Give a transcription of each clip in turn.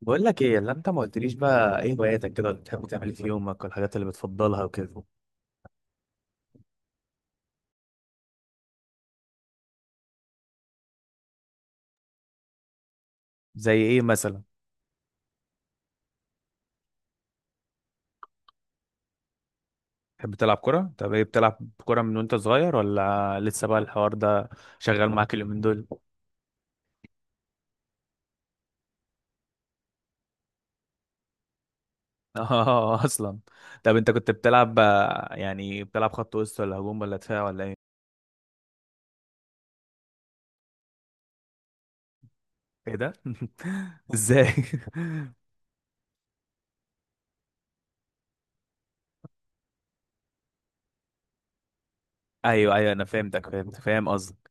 بقول لك ايه اللي انت ما قلتليش، بقى ايه هواياتك كده؟ اللي بتحب تعمل إيه في يومك والحاجات اللي بتفضلها وكده. زي ايه مثلا؟ تحب تلعب كرة؟ طب ايه، بتلعب كرة من وانت صغير ولا لسه بقى الحوار ده شغال معاك اليومين دول؟ اه، اصلا. طب انت كنت بتلعب يعني بتلعب خط وسط ولا هجوم ولا دفاع ولا ايه؟ ايه ده؟ ازاي؟ ايوه، ايوه، انا فهمتك، فهمت، فاهم قصدك.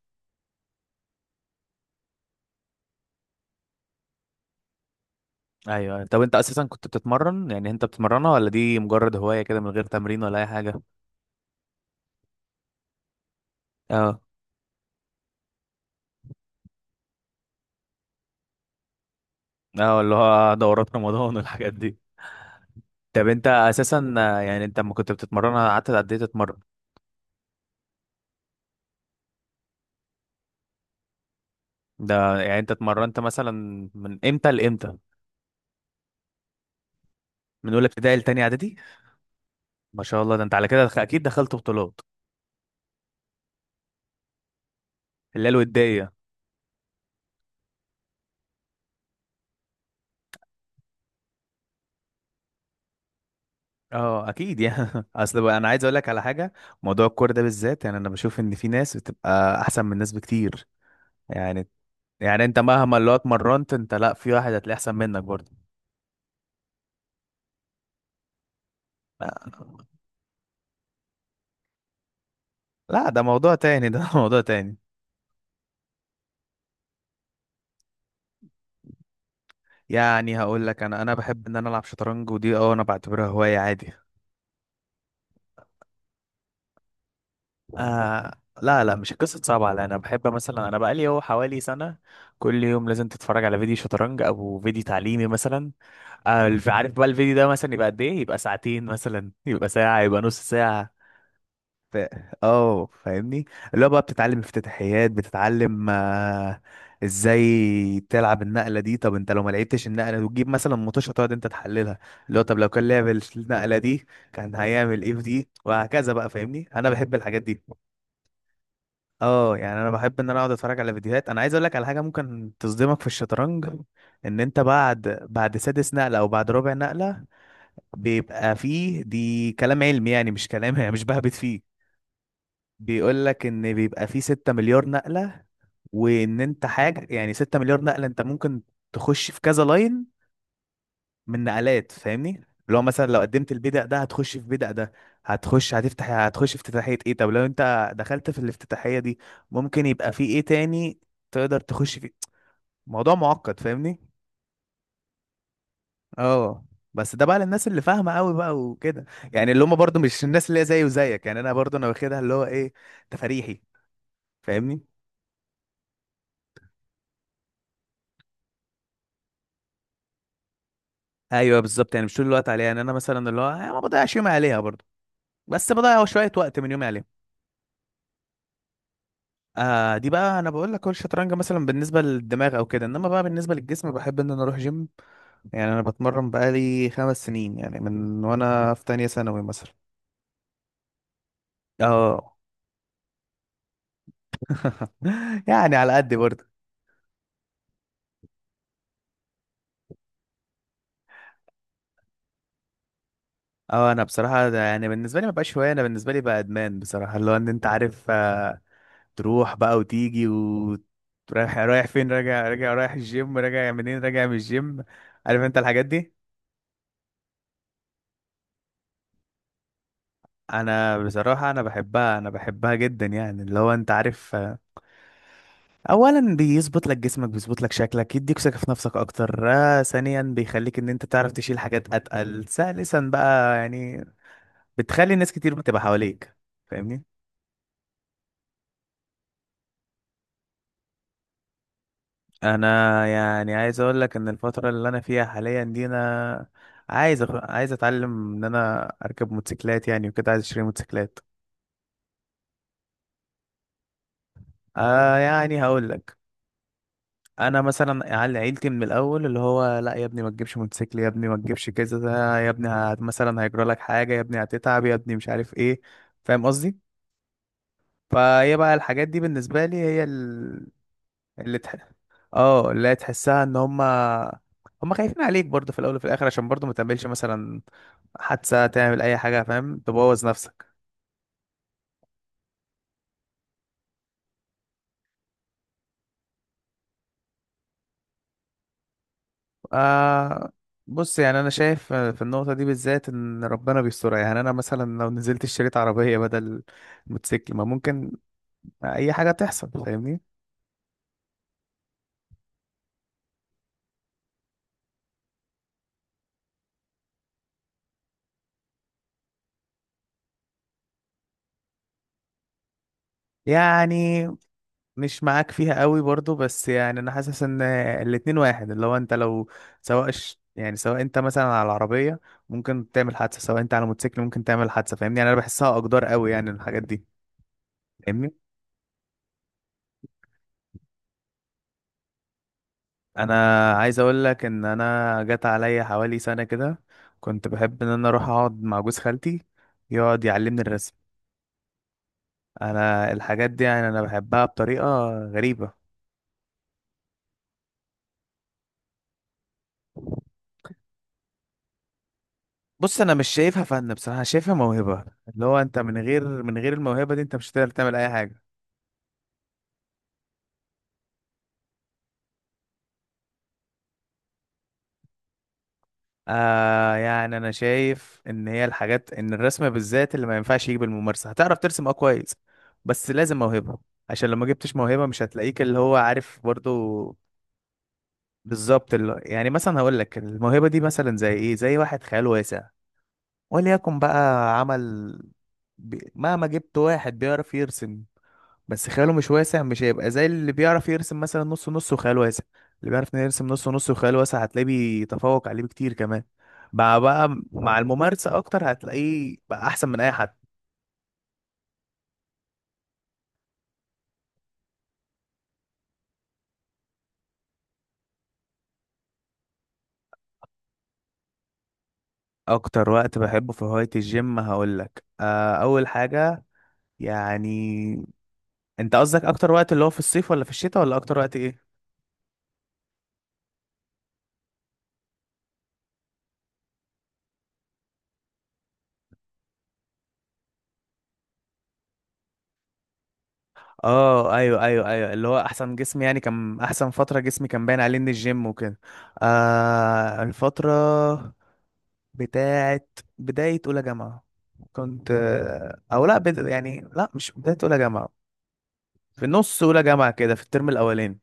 ايوه، ايوه. طب انت اساسا كنت بتتمرن، يعني انت بتتمرنها ولا دي مجرد هواية كده من غير تمرين ولا اي حاجة؟ اه، اللي هو دورات رمضان والحاجات دي. طب انت اساسا يعني انت لما كنت بتتمرن قعدت قد ايه تتمرن؟ ده يعني انت اتمرنت مثلا من امتى لامتى؟ من اولى ابتدائي لتانية اعدادي؟ ما شاء الله، ده انت على كده اكيد دخلت بطولات. اللي هي الوديه. اه اكيد يعني. اصل بقى انا عايز اقول لك على حاجه. موضوع الكوره ده بالذات، يعني انا بشوف ان في ناس بتبقى احسن من ناس بكتير. يعني يعني انت مهما اللي هو اتمرنت، انت لا، في واحد هتلاقيه احسن منك برضه. لا، لا، ده موضوع تاني ده. موضوع تاني. يعني هقول لك انا بحب ان انا العب شطرنج، ودي اه انا بعتبرها هوايه عادي. آه، لا، لا، مش قصه صعبه على، انا بحب مثلا انا بقالي هو حوالي سنه. كل يوم لازم تتفرج على فيديو شطرنج او فيديو تعليمي مثلا. عارف بقى الفيديو ده مثلا يبقى قد ايه؟ يبقى ساعتين مثلا، يبقى ساعه، يبقى نص ساعه. ف- اه فاهمني. اللي هو بقى بتتعلم افتتاحيات، بتتعلم ازاي تلعب النقله دي. طب انت لو ما لعبتش النقله وتجيب مثلا مطوشه تقعد انت تحللها، اللي هو طب لو كان لعب النقله دي كان هيعمل ايه في دي، وهكذا بقى. فاهمني، انا بحب الحاجات دي. اه، يعني انا بحب ان انا اقعد اتفرج على فيديوهات. انا عايز اقول لك على حاجه ممكن تصدمك في الشطرنج. ان انت بعد سادس نقله او بعد رابع نقله، بيبقى فيه. دي كلام علمي يعني، مش كلام مش بهبت فيه. بيقول لك ان بيبقى فيه 6 مليار نقلة، وان انت حاجة يعني 6 مليار نقلة انت ممكن تخش في كذا لاين من نقلات، فاهمني. لو مثلا، لو قدمت البيدق ده هتخش في بيدق ده، هتخش في افتتاحية ايه. طب لو انت دخلت في الافتتاحية دي، ممكن يبقى في ايه تاني تقدر تخش فيه. موضوع معقد، فاهمني. اه، بس ده بقى للناس اللي فاهمة قوي بقى وكده. يعني اللي هم برضو مش الناس اللي هي زي وزيك. يعني انا برضو انا واخدها اللي هو ايه، تفريحي، فاهمني. ايوه بالظبط، يعني مش طول الوقت عليها. يعني انا مثلا اللي هو ما بضيعش يومي عليها برضه، بس بضيع شويه وقت من يومي عليها. آه، دي بقى انا بقول لك هو الشطرنج مثلا بالنسبه للدماغ او كده، انما بقى بالنسبه للجسم بحب ان انا اروح جيم. يعني انا بتمرن بقالي 5 سنين يعني من وانا في تانية ثانوي مثلا. اه. يعني على قد برضه. اه، انا بصراحه ده يعني بالنسبه لي ما بقاش هوايه، انا بالنسبه لي بقى ادمان بصراحه، اللي هو ان انت عارف تروح بقى وتيجي، ورايح رايح فين، راجع راجع رايح الجيم، راجع منين؟ راجع من الجيم. عارف انت الحاجات دي. انا بصراحة انا بحبها جدا. يعني اللي هو انت عارف اولا بيظبط لك جسمك، بيظبط لك شكلك، يديك ثقة في نفسك اكتر، ثانيا بيخليك ان انت تعرف تشيل حاجات اتقل، ثالثا بقى يعني بتخلي ناس كتير بتبقى حواليك. فاهمني. انا يعني عايز اقول لك ان الفتره اللي انا فيها حاليا دي، انا عايز اتعلم ان انا اركب موتوسيكلات يعني وكده، عايز اشتري موتوسيكلات. آه، يعني هقول لك، انا مثلا عيلتي من الاول اللي هو: لا يا ابني ما تجيبش موتوسيكل، يا ابني ما تجيبش كذا ده، يا ابني مثلا هيجرى لك حاجه، يا ابني هتتعب، يا ابني مش عارف ايه. فاهم قصدي. فهي بقى الحاجات دي بالنسبه لي هي ال... اللي تح... اه اللي هي تحسها ان هما خايفين عليك برضه في الاول وفي الاخر، عشان برضه ما تعملش مثلا حادثة، تعمل أي حاجة فاهم، تبوظ نفسك. آه، بص يعني، أنا شايف في النقطة دي بالذات إن ربنا بيسترها. يعني أنا مثلا لو نزلت اشتريت عربية بدل موتوسيكل، ما ممكن أي حاجة تحصل، فاهمني. يعني مش معاك فيها قوي برضو، بس يعني أنا حاسس إن الاتنين واحد، اللي هو أنت لو سواء ش- يعني سواء أنت مثلا على العربية ممكن تعمل حادثة، سواء أنت على موتوسيكل ممكن تعمل حادثة، فاهمني. يعني أنا بحسها أقدار قوي يعني الحاجات دي، فاهمني. انا عايز اقول لك ان انا جت عليا حوالي سنه كده، كنت بحب ان انا اروح اقعد مع جوز خالتي يقعد يعلمني الرسم. انا الحاجات دي يعني انا بحبها بطريقه غريبه. بص انا مش شايفها فن بصراحه، شايفها موهبه، اللي هو انت من غير الموهبه دي انت مش هتقدر تعمل اي حاجه. آه، يعني انا شايف ان هي الحاجات ان الرسم بالذات اللي ما ينفعش يجي بالممارسه، هتعرف ترسم اه كويس، بس لازم موهبه. عشان لو ما جبتش موهبة مش هتلاقيك اللي هو عارف برضو. بالظبط. يعني مثلا هقول لك الموهبة دي مثلا زي ايه، زي واحد خيال واسع. وليكن بقى عمل مهما جبت واحد بيعرف يرسم بس خياله مش واسع، مش هيبقى زي اللي بيعرف يرسم مثلا نص نص وخيال واسع. اللي بيعرف يرسم نص نص وخيال واسع هتلاقيه بيتفوق عليه بكتير كمان، مع الممارسة اكتر هتلاقيه بقى احسن من اي حد. اكتر وقت بحبه في هواية الجيم هقول لك، اول حاجة. يعني انت قصدك اكتر وقت اللي هو في الصيف، ولا في الشتاء، ولا اكتر وقت ايه؟ اه، ايوه، ايوه، ايوه. اللي هو احسن جسم يعني كان احسن فتره جسمي كان باين عليه ان الجيم وكده. آه، الفتره بتاعت بدايه اولى جامعه كنت آه، او لا بد... يعني لا، مش بدايه اولى جامعه. في نص اولى جامعه كده، في الترم الاولاني.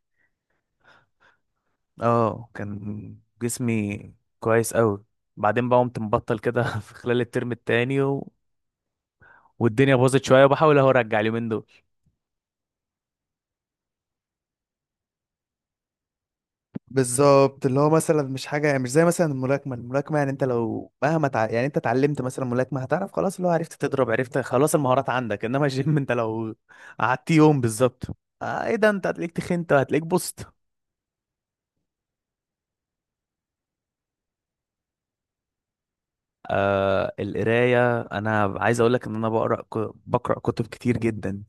اه، كان جسمي كويس قوي. بعدين بقى قمت مبطل كده. في خلال الترم التاني و... والدنيا باظت شويه، وبحاول اهو ارجع اليومين دول. بالظبط، اللي هو مثلا مش حاجه، يعني مش زي مثلا الملاكمه يعني انت لو مهما تع... يعني انت اتعلمت مثلا ملاكمه، هتعرف خلاص اللي هو عرفت تضرب، عرفت خلاص المهارات عندك، انما الجيم انت لو قعدت يوم بالظبط، ايه ده، انت هتلاقيك تخنت، هتلاقيك بوست. آه، القرايه، انا عايز اقول لك ان انا بقرا كتب كتير جدا.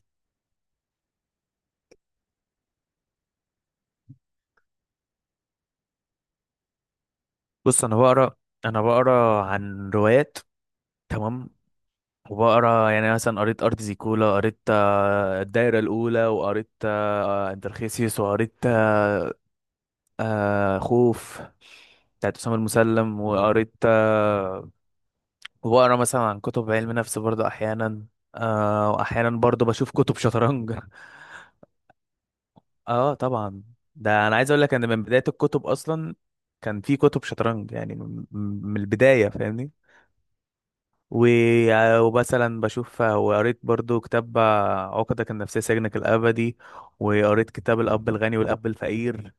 بص، انا بقرا عن روايات. تمام. وبقرا يعني مثلا قريت ارض زيكولا، قريت الدايره الاولى، وقريت انترخيسيوس، وقريت خوف بتاعت أسامة المسلم، وقريت وبقرا مثلا عن كتب علم نفس برضه أحيانا. وأحيانا برضه بشوف كتب شطرنج. اه طبعا. ده أنا عايز أقول لك إن من بداية الكتب أصلا كان في كتب شطرنج، يعني من البداية، فاهمني. و- ومثلا بشوف وقريت برضه كتاب عقدك النفسية سجنك الأبدي، وقريت كتاب الأب الغني والأب الفقير.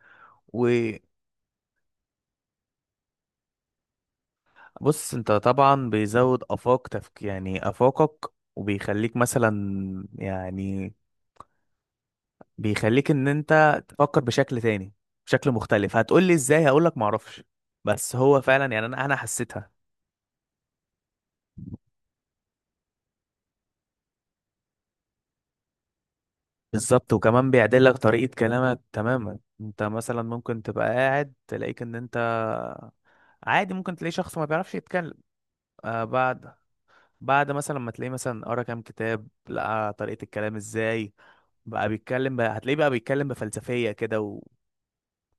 بص، انت طبعا بيزود افاقك، وبيخليك مثلا يعني بيخليك ان انت تفكر بشكل تاني، بشكل مختلف. هتقولي ازاي؟ هقولك معرفش. بس هو فعلا، يعني انا حسيتها. بالظبط. وكمان بيعدل لك طريقة كلامك تماما. انت مثلا ممكن تبقى قاعد تلاقيك ان انت عادي، ممكن تلاقي شخص ما بيعرفش يتكلم، آه بعد بعد مثلا ما تلاقيه مثلا قرا كام كتاب، لقى طريقة الكلام ازاي، بقى بيتكلم، بقى هتلاقيه بقى بيتكلم بفلسفية كده و...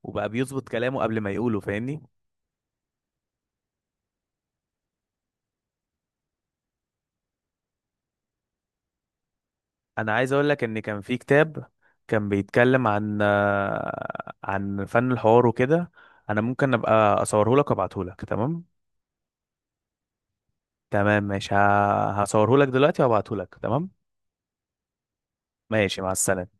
وبقى بيظبط كلامه قبل ما يقوله، فاهمني. انا عايز اقول لك ان كان في كتاب كان بيتكلم عن فن الحوار وكده. انا ممكن ابقى اصوره لك وابعته لك، تمام. تمام، ماشي. هصوره لك دلوقتي وابعته لك، تمام. ماشي، مع السلامة.